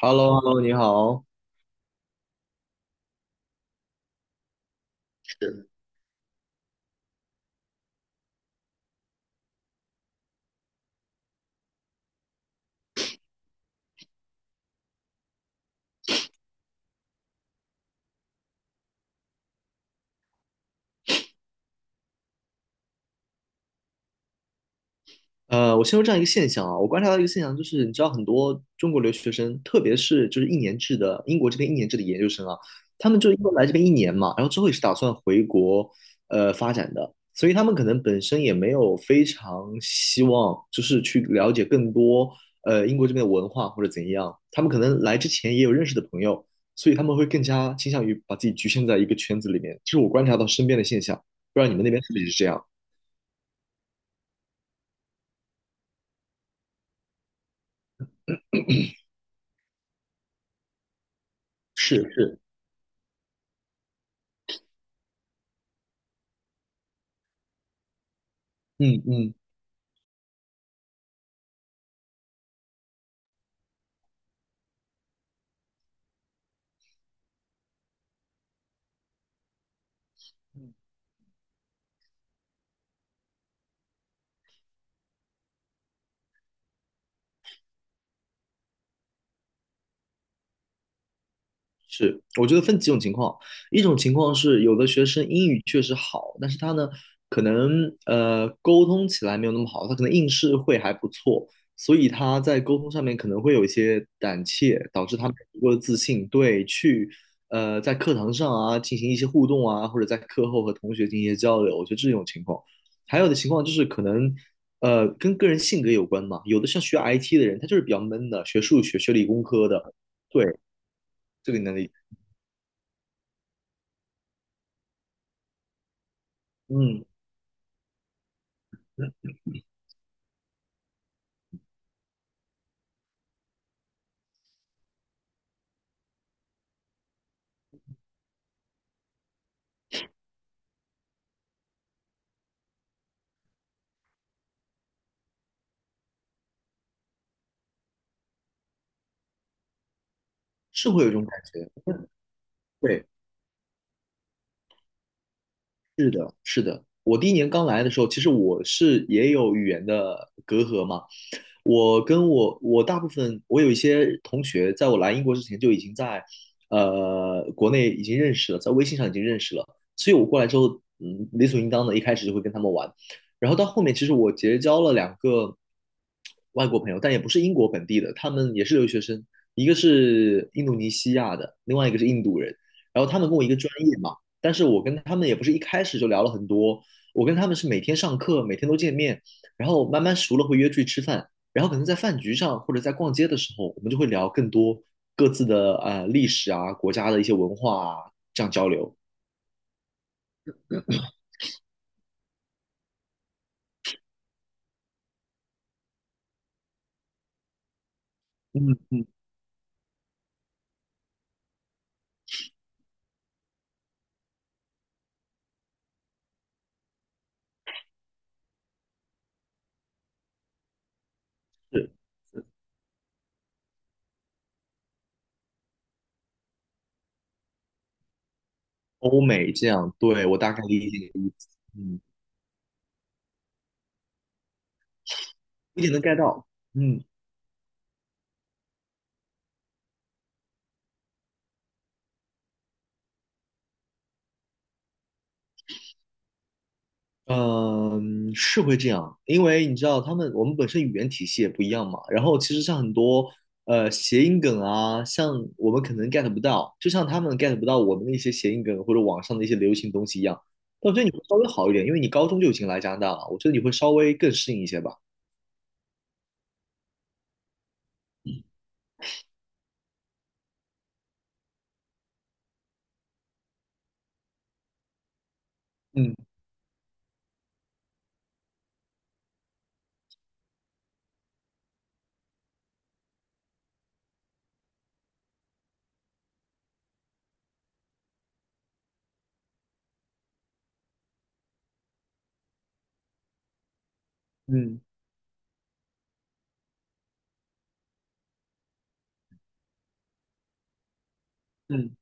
h e l l o hello 你好。我先说这样一个现象啊，我观察到一个现象，就是你知道很多中国留学生，特别是就是一年制的英国这边一年制的研究生啊，他们就因为来这边一年嘛，然后之后也是打算回国发展的，所以他们可能本身也没有非常希望就是去了解更多英国这边的文化或者怎样，他们可能来之前也有认识的朋友，所以他们会更加倾向于把自己局限在一个圈子里面，其实我观察到身边的现象，不知道你们那边是不是这样？是是，嗯嗯，是，我觉得分几种情况，一种情况是有的学生英语确实好，但是他呢，可能沟通起来没有那么好，他可能应试会还不错，所以他在沟通上面可能会有一些胆怯，导致他没有足够的自信，对，去在课堂上啊进行一些互动啊，或者在课后和同学进行一些交流，我觉得这种情况，还有的情况就是可能。跟个人性格有关嘛。有的像学 IT 的人，他就是比较闷的，学数学、学理工科的，对，这个能力嗯，是会有一种感觉，对。是的，是的。我第1年刚来的时候，其实我是也有语言的隔阂嘛。我跟我大部分我有一些同学，在我来英国之前就已经在国内已经认识了，在微信上已经认识了，所以我过来之后，嗯，理所应当的一开始就会跟他们玩。然后到后面，其实我结交了两个外国朋友，但也不是英国本地的，他们也是留学生，一个是印度尼西亚的，另外一个是印度人。然后他们跟我一个专业嘛，但是我跟他们也不是一开始就聊了很多，我跟他们是每天上课，每天都见面，然后慢慢熟了会约出去吃饭，然后可能在饭局上或者在逛街的时候，我们就会聊更多各自的历史啊、国家的一些文化啊，这样交流。嗯嗯，是欧美这样，对，我大概理解你的意思，嗯，一点能 get 到，嗯。嗯，是会这样，因为你知道他们我们本身语言体系也不一样嘛。然后其实像很多谐音梗啊，像我们可能 get 不到，就像他们 get 不到我们的一些谐音梗或者网上的一些流行东西一样。但我觉得你会稍微好一点，因为你高中就已经来加拿大了，我觉得你会稍微更适应一些吧。嗯嗯嗯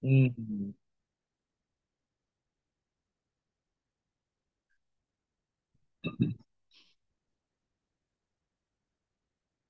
嗯，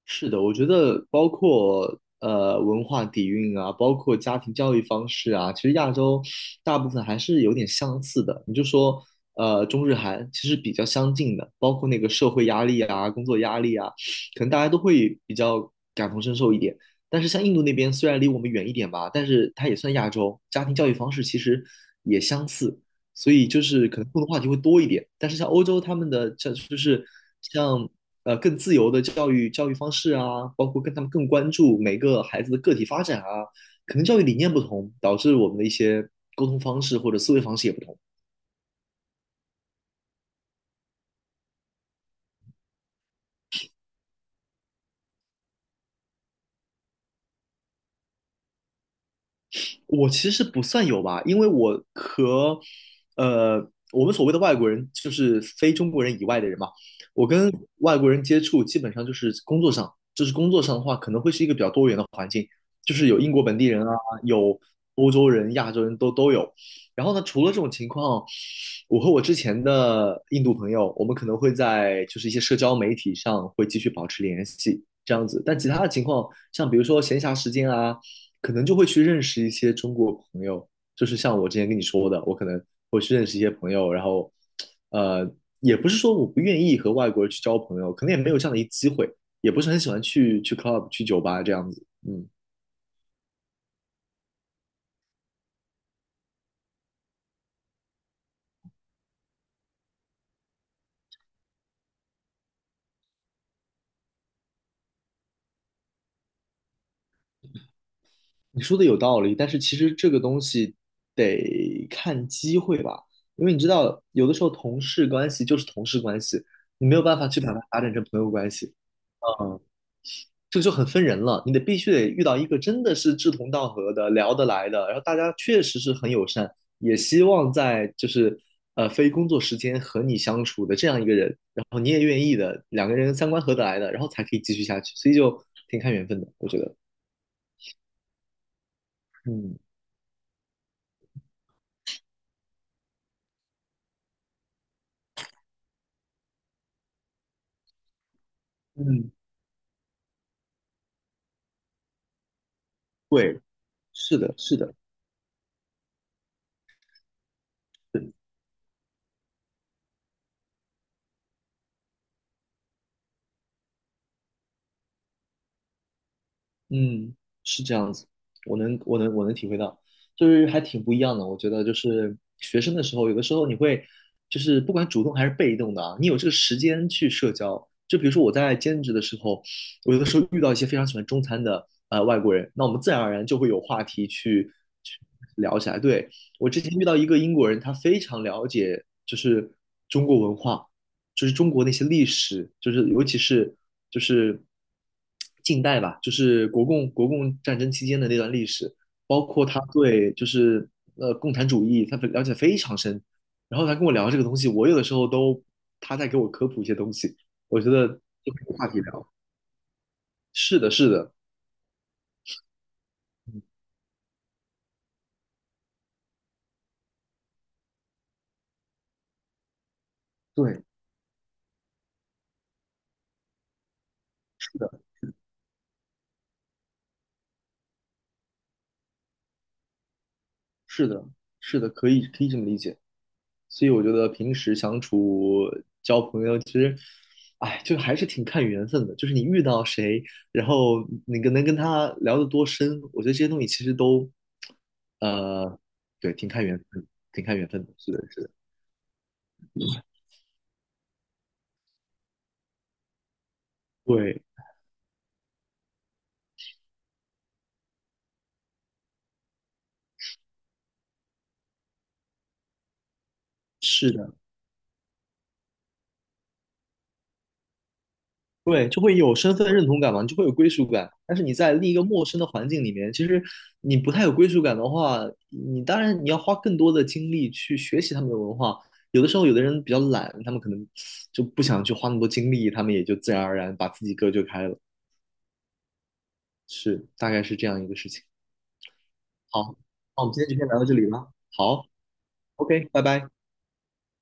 是的，我觉得包括文化底蕴啊，包括家庭教育方式啊，其实亚洲大部分还是有点相似的。你就说中日韩其实比较相近的，包括那个社会压力啊、工作压力啊，可能大家都会比较感同身受一点。但是像印度那边虽然离我们远一点吧，但是它也算亚洲，家庭教育方式其实也相似。所以就是可能共同话题会多一点。但是像欧洲他们的这就是像更自由的教育方式啊，包括跟他们更关注每个孩子的个体发展啊，可能教育理念不同，导致我们的一些沟通方式或者思维方式也不同。我其实不算有吧，因为我和呃我们所谓的外国人，就是非中国人以外的人嘛。我跟外国人接触基本上就是工作上，就是工作上的话，可能会是一个比较多元的环境，就是有英国本地人啊，有欧洲人、亚洲人都有。然后呢，除了这种情况，我和我之前的印度朋友，我们可能会在就是一些社交媒体上会继续保持联系，这样子。但其他的情况，像比如说闲暇时间啊，可能就会去认识一些中国朋友，就是像我之前跟你说的，我可能会去认识一些朋友，然后，呃，也不是说我不愿意和外国人去交朋友，可能也没有这样的一个机会，也不是很喜欢去 club 去酒吧这样子。嗯，你说的有道理，但是其实这个东西得看机会吧，因为你知道，有的时候同事关系就是同事关系，你没有办法去把它发展成朋友关系。嗯。这个就很分人了，你得必须得遇到一个真的是志同道合的、聊得来的，然后大家确实是很友善，也希望在就是非工作时间和你相处的这样一个人，然后你也愿意的，两个人三观合得来的，然后才可以继续下去，所以就挺看缘分的，我觉得。嗯，嗯，对，是的，是的，是的嗯，是这样子，我能体会到，就是还挺不一样的。我觉得就是学生的时候，有的时候你会，就是不管主动还是被动的啊，你有这个时间去社交。就比如说我在兼职的时候，我有的时候遇到一些非常喜欢中餐的外国人，那我们自然而然就会有话题去聊起来。对，我之前遇到一个英国人，他非常了解就是中国文化，就是中国那些历史，就是尤其是就是近代吧，就是国共战争期间的那段历史，包括他对就是共产主义，他了解非常深。然后他跟我聊这个东西，我有的时候都他在给我科普一些东西，我觉得就没话题聊。是的，是的，对，是的。是的，是的，可以可以这么理解。所以我觉得平时相处交朋友，其实，哎，就还是挺看缘分的。就是你遇到谁，然后你跟能跟他聊得多深，我觉得这些东西其实都，呃，对，挺看缘分，挺看缘分的。是的，是的，对，是的。对，就会有身份认同感嘛，你就会有归属感。但是你在另一个陌生的环境里面，其实你不太有归属感的话，你当然你要花更多的精力去学习他们的文化。有的时候，有的人比较懒，他们可能就不想去花那么多精力，他们也就自然而然把自己隔绝开了。是，大概是这样一个事情。好，那我们今天就先聊到这里了。好，OK,拜拜。